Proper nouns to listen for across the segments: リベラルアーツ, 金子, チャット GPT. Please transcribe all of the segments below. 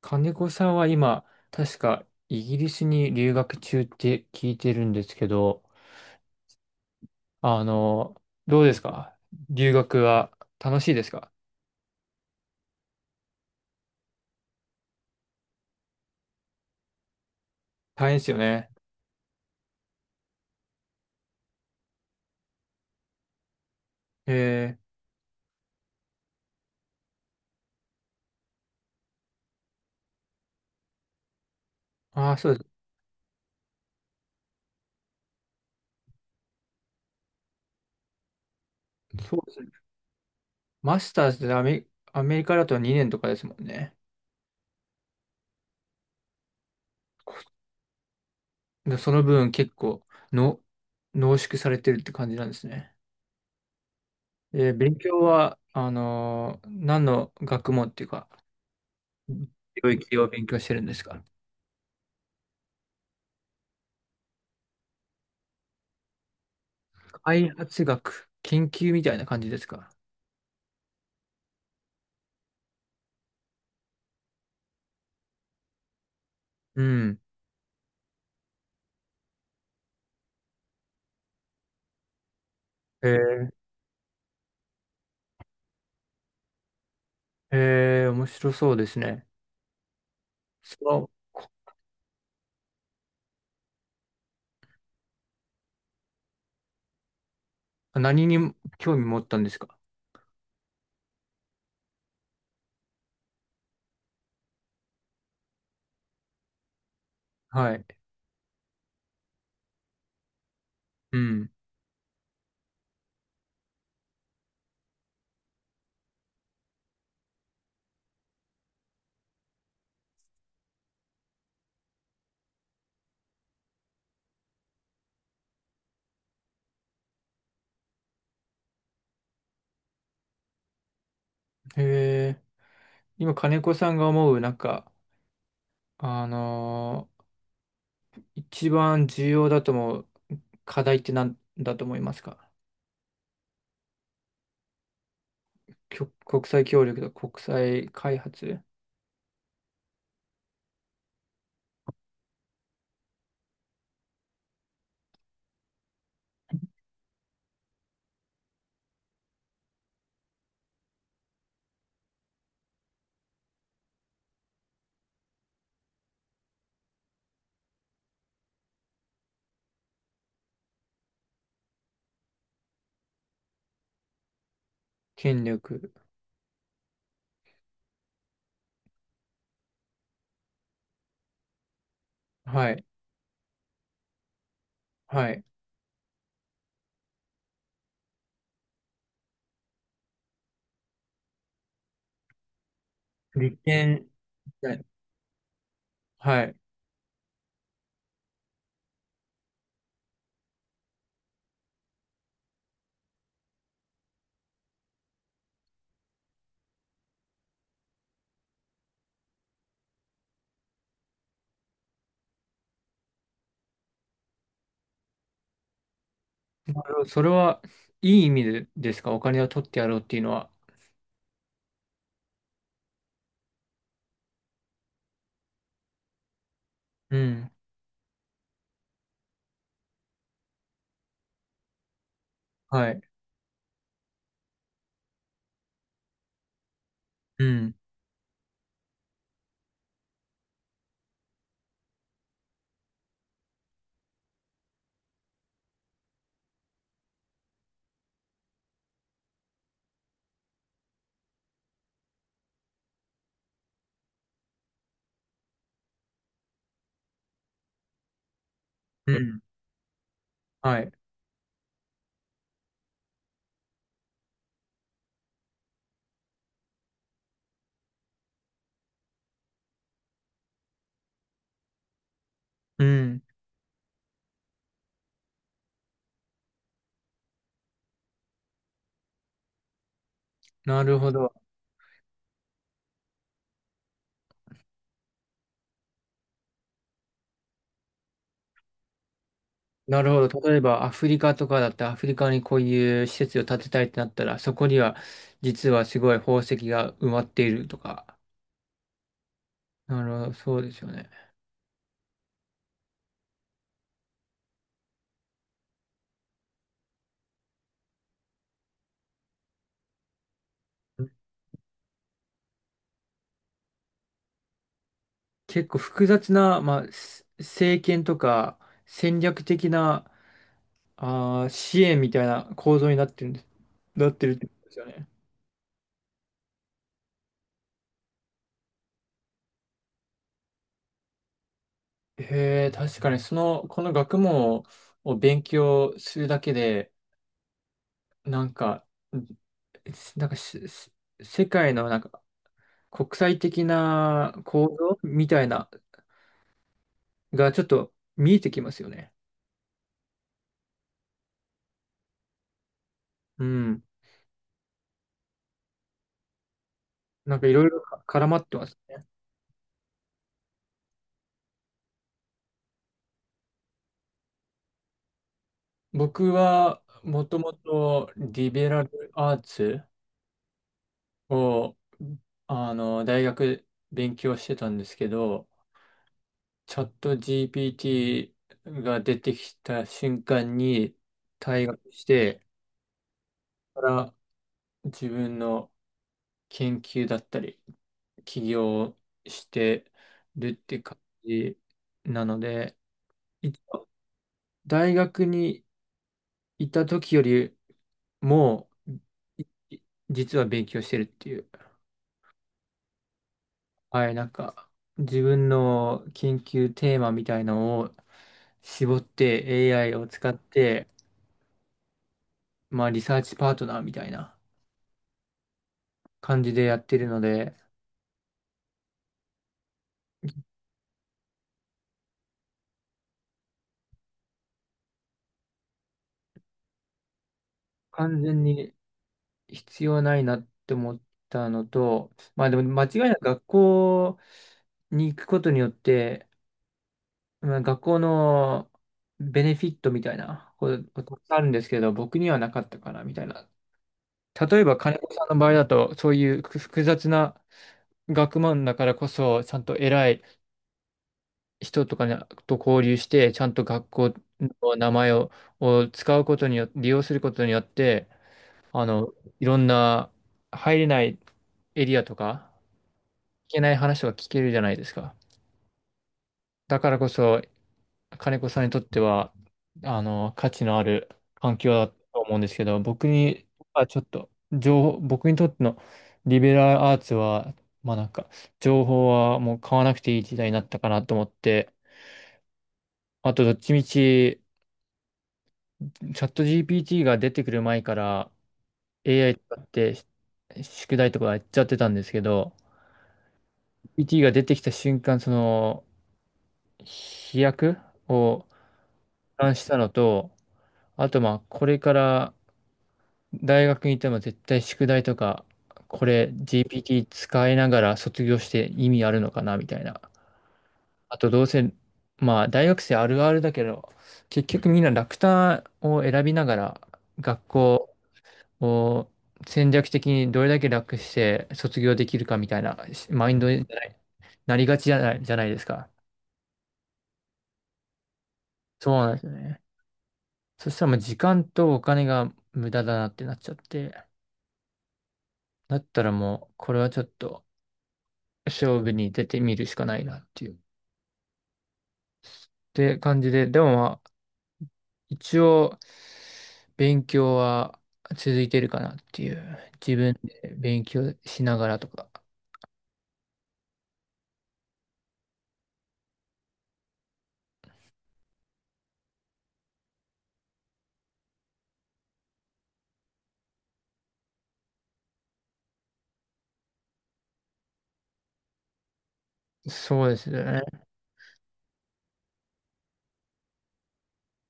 金子さんは今、確かイギリスに留学中って聞いてるんですけど、あの、どうですか？留学は楽しいですか？大変ですよね。えー、ああ、そうです。そうですね。マスターズでアメリカだと2年とかですもんね。こでその分結構の濃縮されてるって感じなんですね。えー、勉強は、何の学問っていうか、領域を勉強してるんですか？開発学、研究みたいな感じですか。うん。へえ、へえ、面白そうですね。その、何に興味持ったんですか？はい。うん。へえ、今、金子さんが思う、あのー一番重要だと思う課題って何だと思いますか？国際協力と国際開発、権力。はい。はい。利権。はい。はい。なるほど、それは、いい意味でですか？お金を取ってやろうっていうのは。うん。はい。うん。うん。はい。うん。なるほど。なるほど。例えば、アフリカとかだって、アフリカにこういう施設を建てたいってなったら、そこには、実はすごい宝石が埋まっているとか。なるほど。そうですよね。結構複雑な、まあ、政権とか、戦略的な、あー、支援みたいな構造になってるんです、なってるってことですよね。へえ、確かに、その、この学問を勉強するだけで、なんか、んなんかし、し世界のなんか国際的な構造みたいながちょっと見えてきますよね。うん。なんかいろいろ絡まってますね。僕はもともとリベラルアーツを大学勉強してたんですけど、チャット GPT が出てきた瞬間に退学して、から自分の研究だったり、起業してるって感じなので、一応大学にいた時よりも、い実は勉強してるっていう、はい、なんか、自分の研究テーマみたいのを絞って AI を使って、まあ、リサーチパートナーみたいな感じでやってるので、完全に必要ないなって思ったのと、まあでも間違いなく学校に行くことによって、まあ、学校のベネフィットみたいなことたくさんあるんですけど、僕にはなかったかなみたいな。例えば金子さんの場合だと、そういう複雑な学問だからこそ、ちゃんと偉い人とかと交流して、ちゃんと学校の名前を使うことによって、利用することによって、あの、いろんな入れないエリアとか、けない話とか聞けるじゃないですか。だからこそ、金子さんにとっては、あの、価値のある環境だと思うんですけど、僕にはちょっと、情報、僕にとってのリベラルアーツは、まあなんか、情報はもう買わなくていい時代になったかなと思って、あとどっちみち、チャット GPT が出てくる前から AI 使って宿題とかやっちゃってたんですけど、GPT が出てきた瞬間、その、飛躍を、感したのと、あとまあ、これから大学に行っても絶対宿題とか、これ GPT 使いながら卒業して意味あるのかなみたいな。あとどうせ、まあ大学生あるあるだけど、結局みんな楽単を選びながら学校を戦略的にどれだけ楽して卒業できるかみたいなマインドになりがちじゃないですか。そうなんですよね。そしたらもう時間とお金が無駄だなってなっちゃって。だったらもう、これはちょっと勝負に出てみるしかないなっていう、て感じで、でもまあ、一応、勉強は続いてるかなっていう、自分で勉強しながらとか。そうですよね。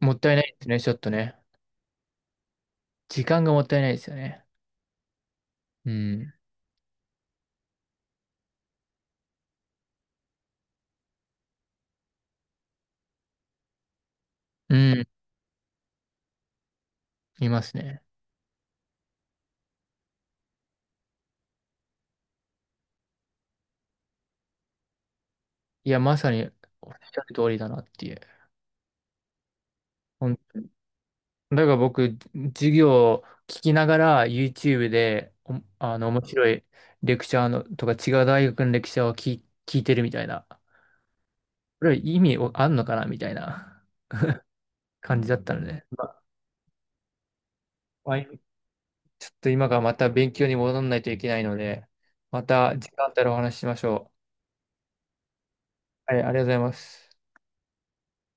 もったいないですね、ちょっとね。時間がもったいないですよね。うん。うん、いますね。いや、まさにおっしゃる通りだなっていう。だから僕、授業を聞きながら YouTube で、あの、面白いレクチャーのとか違う大学のレクチャーを聞いてるみたいな。これ意味あんのかなみたいな感じだったので、まあちょっと今からまた勉強に戻らないといけないので、また時間あったらお話ししましょう。はい、ありがとうございます。